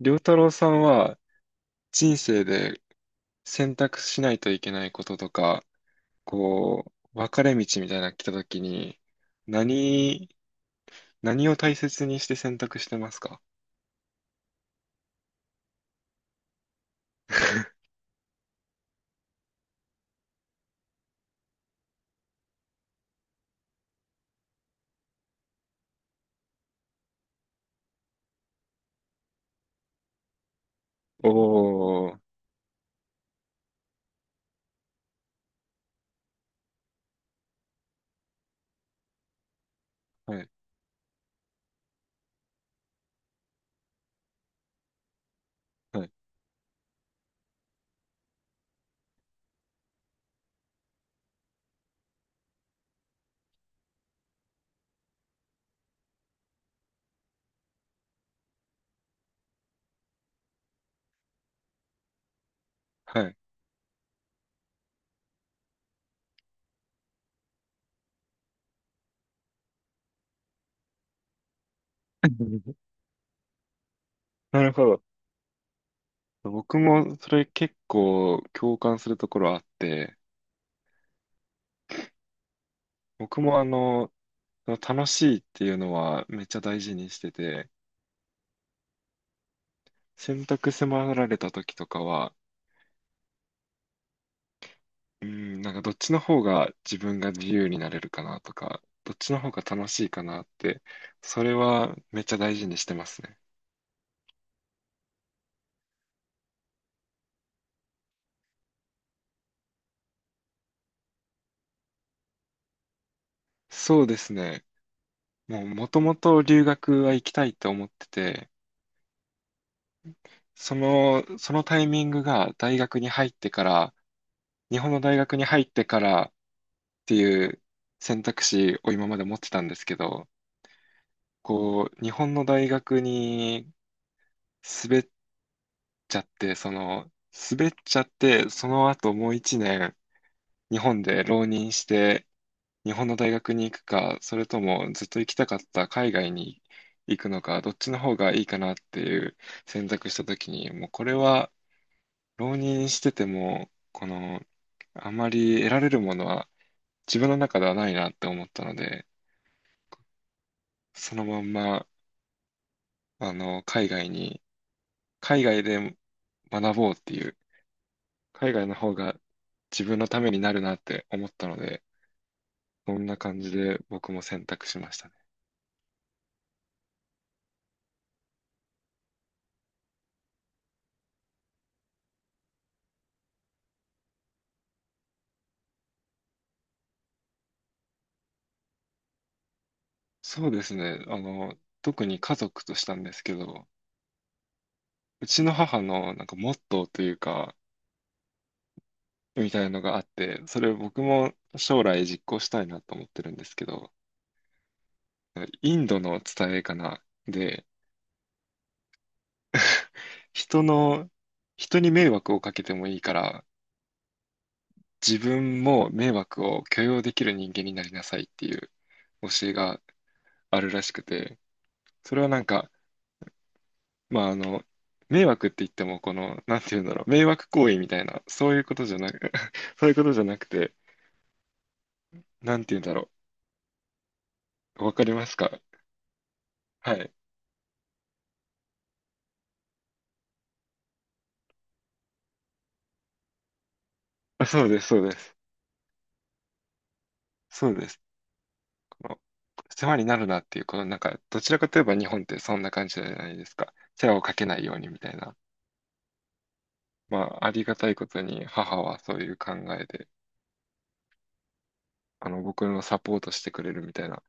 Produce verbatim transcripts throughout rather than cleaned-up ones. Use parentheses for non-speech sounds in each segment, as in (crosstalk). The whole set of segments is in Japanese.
りょうた太郎さんは人生で選択しないといけないこととか、こう、分かれ道みたいなの来た時に、何、何を大切にして選択してますか？ (laughs) おー、はい、はい、はい。(laughs) なるほど。僕もそれ結構共感するところあって、僕もあの、楽しいっていうのはめっちゃ大事にしてて、選択迫られた時とかは、うん、なんかどっちの方が自分が自由になれるかなとか、どっちの方が楽しいかなって、それはめっちゃ大事にしてますね。そうですね。もうもともと留学は行きたいと思ってて、その、そのタイミングが大学に入ってから、日本の大学に入ってからっていう選択肢を今まで持ってたんですけど、こう、日本の大学に滑っちゃって、その、滑っちゃって、その後もういちねん、日本で浪人して、日本の大学に行くか、それともずっと行きたかった海外に行くのか、どっちの方がいいかなっていう選択した時に、もうこれは浪人してても、この、あまり得られるものは自分の中ではないなって思ったので、そのまんま、あの、海外に、海外で学ぼうっていう、海外の方が自分のためになるなって思ったので、そんな感じで僕も選択しました。そうですね。あの、特に家族としたんですけど、うちの母のなんかモットーというか、みたいのがあって、それを僕も将来実行したいなと思ってるんですけど、インドの伝えかな。で、人の、人に迷惑をかけてもいいから、自分も迷惑を許容できる人間になりなさいっていう教えがあるらしくて、それはなんか、まああの、迷惑って言っても、この、なんていうんだろう、迷惑行為みたいな、そういうことじゃなく。そういうことじゃなくて、なんて言うんだろう。わかりますか？はい。あ、そうです、そうです。そうです。この、世話になるなっていう、このなんか、どちらかといえば日本ってそんな感じじゃないですか。世話をかけないようにみたいな。まあ、ありがたいことに母はそういう考えで、あの、僕のサポートしてくれるみたいな、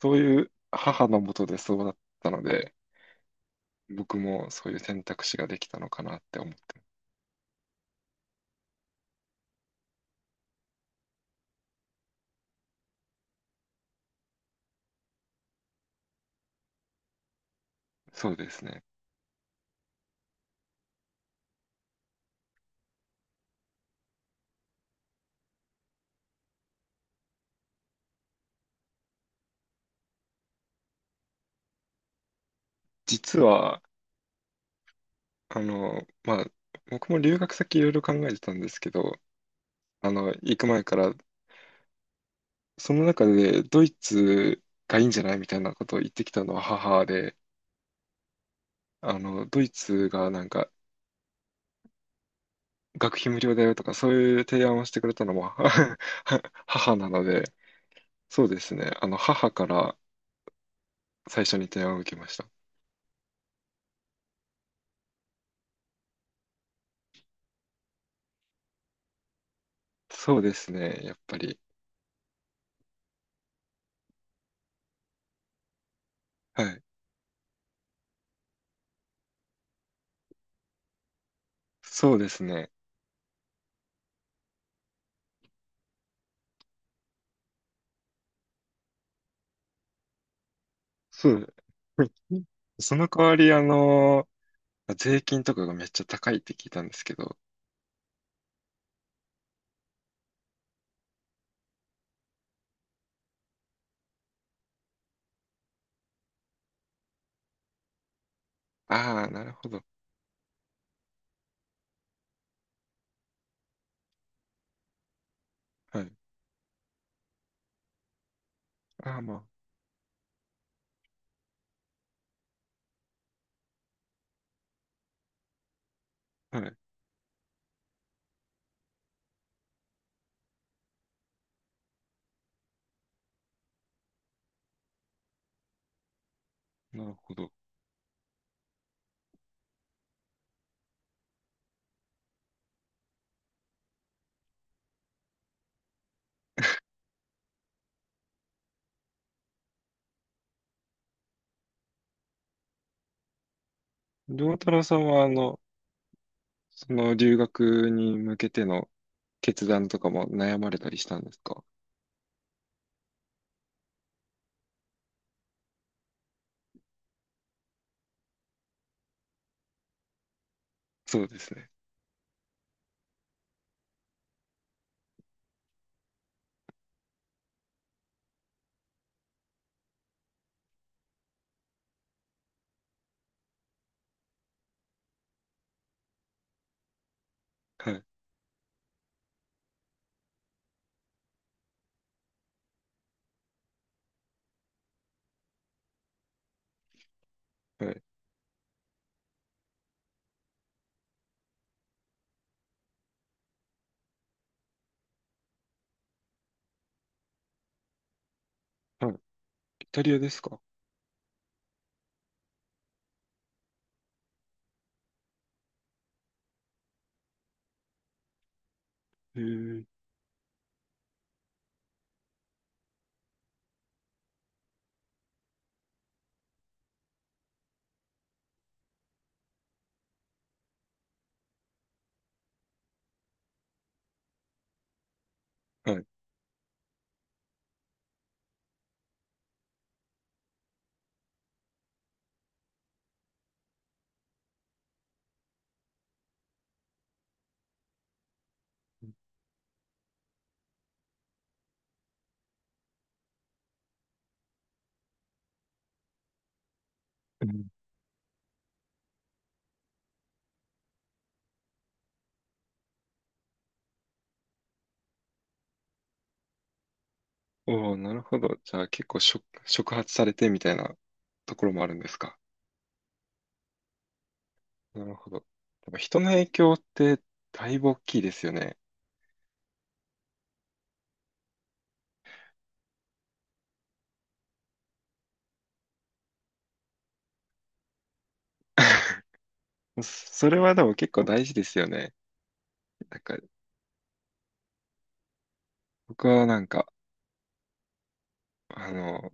そういう母のもとでそうだったので、僕もそういう選択肢ができたのかなって思って、そうですね。実は、あの、まあ、僕も留学先いろいろ考えてたんですけど、あの、行く前から、その中でドイツがいいんじゃないみたいなことを言ってきたのは母で、あの、ドイツがなんか学費無料だよとかそういう提案をしてくれたのも (laughs) は母なので、そうですね。あの、母から最初に提案を受けました。そうですね。やっぱり。はい。そうですね。そう。(laughs) その代わり、あの、税金とかがめっちゃ高いって聞いたんですけど、ああ、なるほど。はい。ああ、まあ、はい。なるほど。良太郎さんは、あの、その留学に向けての決断とかも悩まれたりしたんですか？そうですね。はい。はい。はい。イタリアですか？へえ。はい。うん。おお、なるほど。じゃあ結構触、触発されてみたいなところもあるんですか？なるほど。でも人の影響ってだいぶ大きいですよね。(laughs) それはでも結構大事ですよね。なんか、僕はなんか、あの、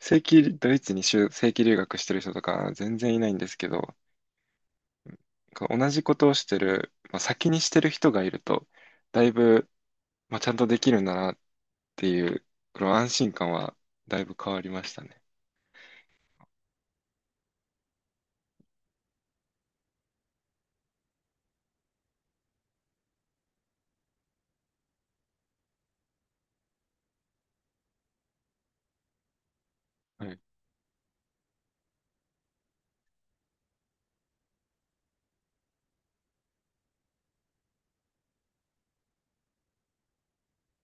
正規、ドイツに就正規留学してる人とか全然いないんですけど、こう同じことをしてる、まあ、先にしてる人がいると、だいぶ、まあ、ちゃんとできるんだなっていう、この安心感はだいぶ変わりましたね。はい、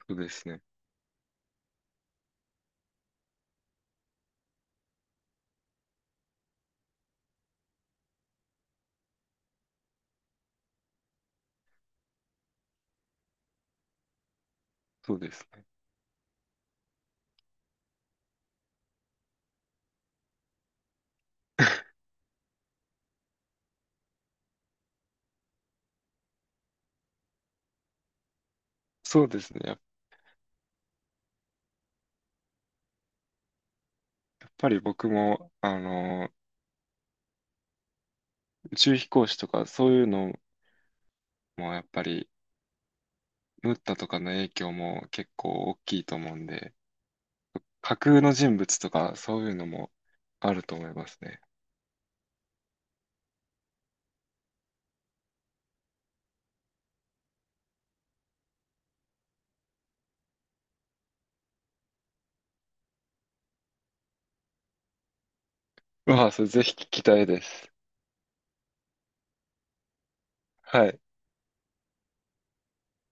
そうですね。そうですね。(laughs) そうですね。やっぱり僕も、あの、宇宙飛行士とかそういうのもやっぱり、ムッタとかの影響も結構大きいと思うんで、架空の人物とかそういうのもあると思いますね。うわあ、それぜひ聞きたいです。はい。